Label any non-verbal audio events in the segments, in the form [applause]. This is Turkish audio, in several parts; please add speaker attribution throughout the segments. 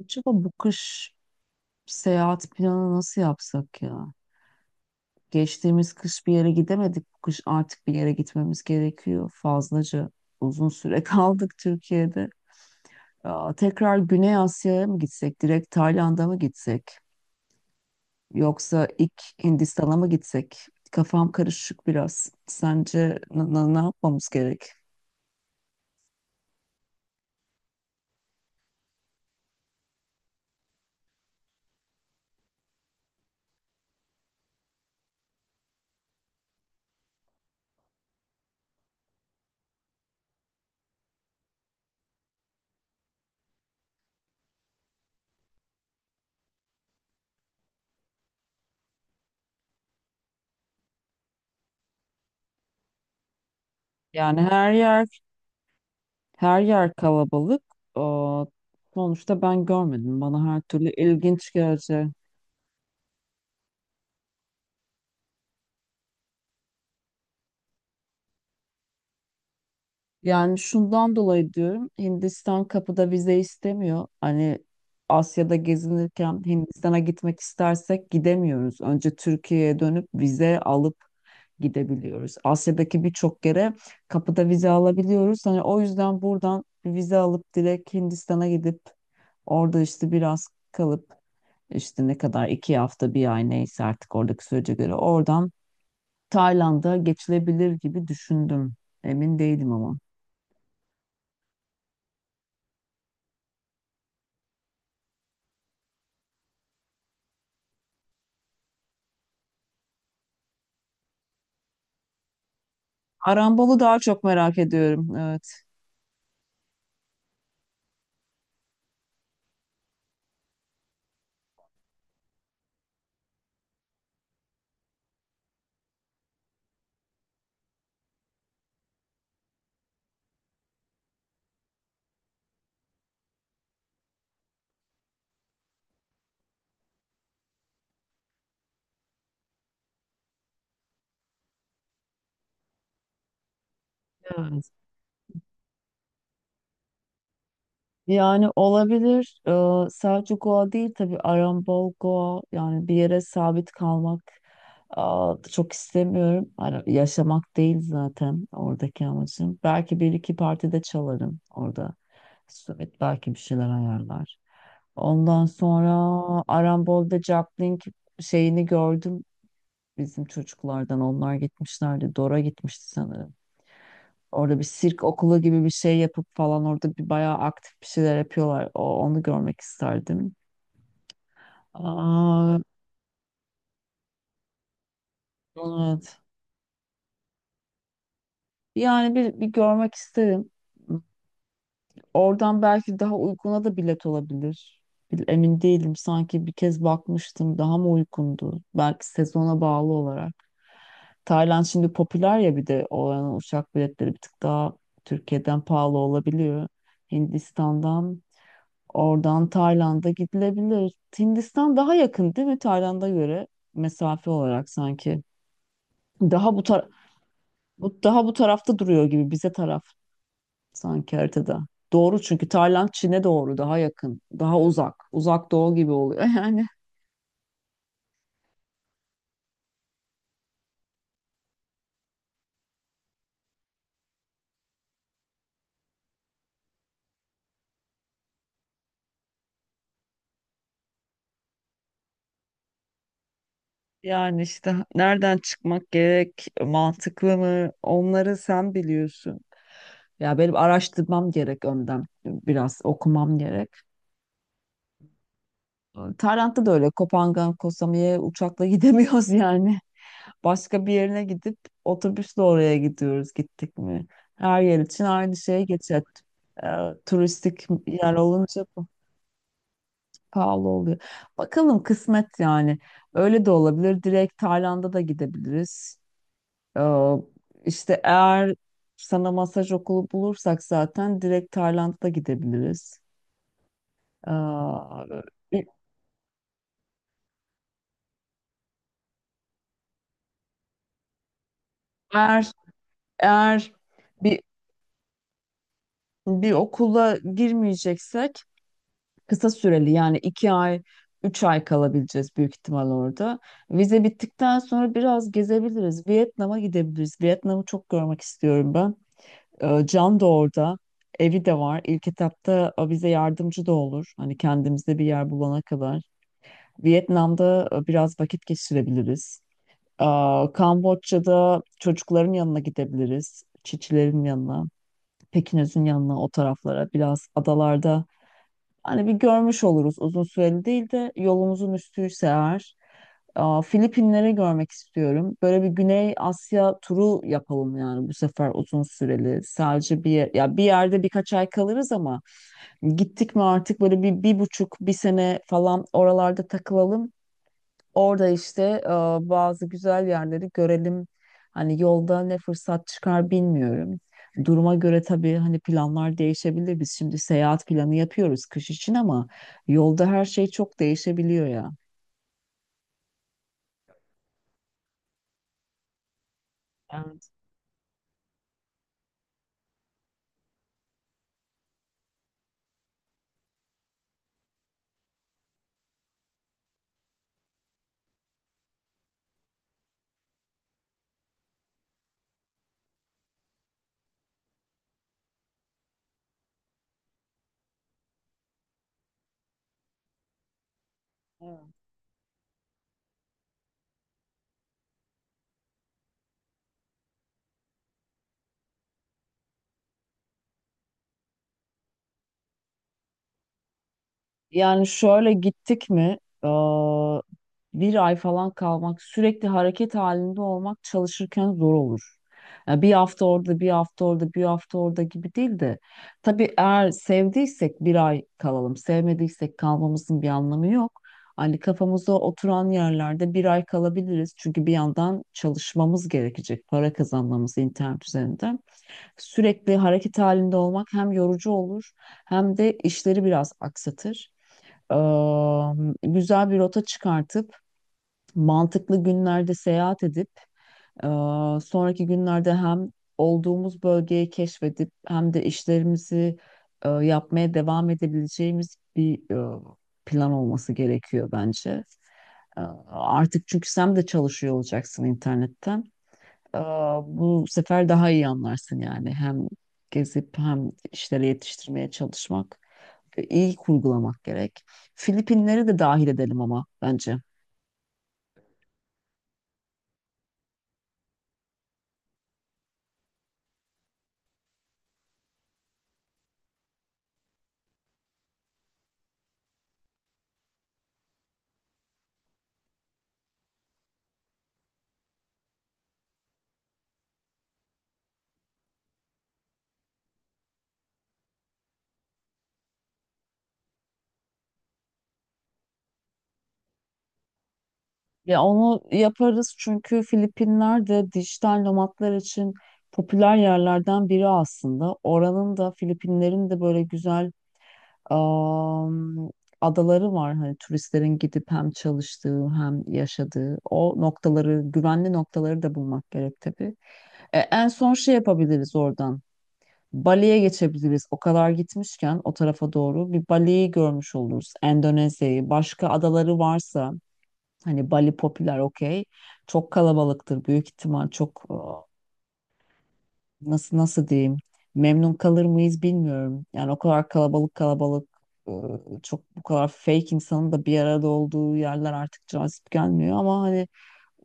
Speaker 1: Acaba bu kış seyahat planı nasıl yapsak ya? Geçtiğimiz kış bir yere gidemedik. Bu kış artık bir yere gitmemiz gerekiyor. Fazlaca uzun süre [laughs] kaldık Türkiye'de. Aa, tekrar Güney Asya'ya mı gitsek? Direkt Tayland'a mı gitsek? Yoksa ilk Hindistan'a mı gitsek? Kafam karışık biraz. Sence ne yapmamız gerek? Yani her yer kalabalık. Aa, sonuçta ben görmedim. Bana her türlü ilginç gelecek. Yani şundan dolayı diyorum, Hindistan kapıda vize istemiyor. Hani Asya'da gezinirken Hindistan'a gitmek istersek gidemiyoruz. Önce Türkiye'ye dönüp vize alıp gidebiliyoruz. Asya'daki birçok yere kapıda vize alabiliyoruz. Hani o yüzden buradan bir vize alıp direkt Hindistan'a gidip orada işte biraz kalıp işte ne kadar 2 hafta 1 ay neyse artık oradaki sürece göre oradan Tayland'a geçilebilir gibi düşündüm. Emin değilim ama. Arambolu daha çok merak ediyorum. Evet. Evet. Yani olabilir. Sadece Goa değil tabii, Arambol Goa, yani bir yere sabit kalmak çok istemiyorum. Yaşamak değil zaten oradaki amacım. Belki bir iki partide çalarım orada. Evet, belki bir şeyler ayarlar. Ondan sonra Arambol'da juggling şeyini gördüm. Bizim çocuklardan onlar gitmişlerdi. Dora gitmişti sanırım. Orada bir sirk okulu gibi bir şey yapıp falan orada bir bayağı aktif bir şeyler yapıyorlar. Onu görmek isterdim. Aa, evet. Yani bir görmek isterim. Oradan belki daha uykuna da bilet olabilir. Emin değilim. Sanki bir kez bakmıştım. Daha mı uykundu? Belki sezona bağlı olarak. Tayland şimdi popüler ya, bir de oranın uçak biletleri bir tık daha Türkiye'den pahalı olabiliyor. Hindistan'dan oradan Tayland'a gidilebilir. Hindistan daha yakın değil mi Tayland'a göre mesafe olarak sanki. Daha bu tarafta duruyor gibi, bize taraf sanki haritada. Doğru, çünkü Tayland Çin'e doğru daha yakın, daha uzak. Uzak doğu gibi oluyor [laughs] yani. Yani işte nereden çıkmak gerek, mantıklı mı? Onları sen biliyorsun. Ya benim araştırmam gerek önden. Biraz okumam gerek. Tayland'da da öyle, Kopangan, Koh Samui'ye uçakla [laughs] gidemiyoruz yani. Başka bir yerine gidip otobüsle oraya gidiyoruz gittik mi? Her yer için aynı şey geçer. Ee, Turistik yer olunca bu pahalı oluyor. Bakalım kısmet yani. Öyle de olabilir. Direkt Tayland'a da gidebiliriz. Ee, işte eğer sana masaj okulu bulursak zaten direkt Tayland'a gidebiliriz. Ee, eğer Eğer bir bir okula girmeyeceksek kısa süreli, yani 2 ay, 3 ay kalabileceğiz büyük ihtimal orada. Vize bittikten sonra biraz gezebiliriz. Vietnam'a gidebiliriz. Vietnam'ı çok görmek istiyorum ben. Can da orada. Evi de var. İlk etapta bize yardımcı da olur. Hani kendimize bir yer bulana kadar. Vietnam'da biraz vakit geçirebiliriz. Ee, Kamboçya'da çocukların yanına gidebiliriz. Çiçilerin yanına. Pekinöz'ün yanına, o taraflara biraz, adalarda, hani bir görmüş oluruz uzun süreli değil de yolumuzun üstüyse eğer. Aa, Filipinleri görmek istiyorum. Böyle bir Güney Asya turu yapalım yani, bu sefer uzun süreli. Sadece bir yer, ya bir yerde birkaç ay kalırız ama gittik mi artık böyle bir, bir buçuk, bir sene falan oralarda takılalım. Orada işte bazı güzel yerleri görelim. Hani yolda ne fırsat çıkar bilmiyorum. Duruma göre tabii, hani planlar değişebilir. Biz şimdi seyahat planı yapıyoruz kış için ama yolda her şey çok değişebiliyor ya. Evet, evet. Yani şöyle, gittik mi eee, 1 ay falan kalmak, sürekli hareket halinde olmak çalışırken zor olur. Yani bir hafta orada, bir hafta orada, bir hafta orada gibi değil de tabii eğer sevdiysek 1 ay kalalım, sevmediysek kalmamızın bir anlamı yok. Hani kafamıza oturan yerlerde 1 ay kalabiliriz çünkü bir yandan çalışmamız gerekecek, para kazanmamız internet üzerinden. Sürekli hareket halinde olmak hem yorucu olur hem de işleri biraz aksatır. Güzel bir rota çıkartıp mantıklı günlerde seyahat edip, eee, sonraki günlerde hem olduğumuz bölgeyi keşfedip hem de işlerimizi yapmaya devam edebileceğimiz bir plan olması gerekiyor bence. Artık çünkü sen de çalışıyor olacaksın internetten. Eee, Bu sefer daha iyi anlarsın yani, hem gezip hem işleri yetiştirmeye çalışmak, iyi kurgulamak gerek. Filipinleri de dahil edelim ama bence. Ya onu yaparız çünkü Filipinler de dijital nomadlar için popüler yerlerden biri aslında. Oranın da, Filipinlerin de böyle güzel am, adaları var. Hani turistlerin gidip hem çalıştığı hem yaşadığı o noktaları, güvenli noktaları da bulmak gerek tabii. E, en son şey yapabiliriz oradan. Bali'ye geçebiliriz. O kadar gitmişken o tarafa doğru bir Bali'yi görmüş oluruz. Endonezya'yı, başka adaları varsa, hani Bali popüler, okey. Çok kalabalıktır büyük ihtimal, çok nasıl diyeyim, memnun kalır mıyız bilmiyorum. Yani o kadar kalabalık kalabalık, e, çok, bu kadar fake insanın da bir arada olduğu yerler artık cazip gelmiyor ama hani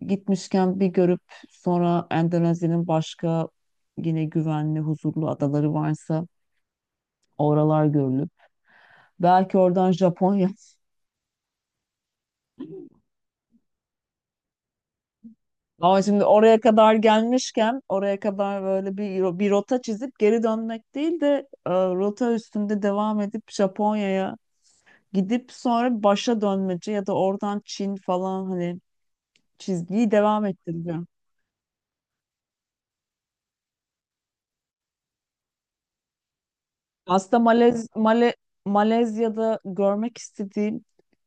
Speaker 1: gitmişken bir görüp sonra Endonezya'nın başka yine güvenli, huzurlu adaları varsa oralar görülüp belki oradan Japonya. [laughs] Ama şimdi oraya kadar gelmişken, oraya kadar böyle bir rota çizip geri dönmek değil de, rota üstünde devam edip Japonya'ya gidip sonra başa dönmece, ya da oradan Çin falan, hani çizgiyi devam ettireceğim. Aslında Malezya'da görmek istediğim,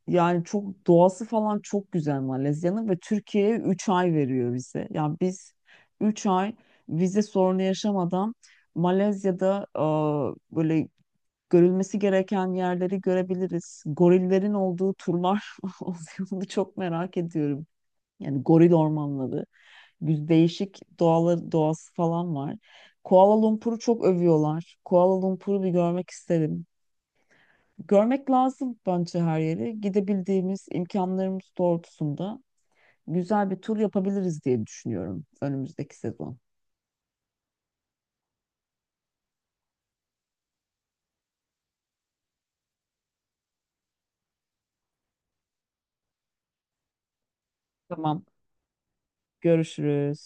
Speaker 1: yani çok doğası falan çok güzel Malezya'nın, ve Türkiye'ye 3 ay veriyor vize. Yani biz 3 ay vize sorunu yaşamadan Malezya'da böyle görülmesi gereken yerleri görebiliriz. Gorillerin olduğu turlar [laughs] oluyor. Onu çok merak ediyorum. Yani goril ormanları. Değişik doğaları, doğası falan var. Kuala Lumpur'u çok övüyorlar. Kuala Lumpur'u bir görmek isterim. Görmek lazım bence her yeri. Gidebildiğimiz, imkanlarımız doğrultusunda güzel bir tur yapabiliriz diye düşünüyorum önümüzdeki sezon. Tamam, görüşürüz.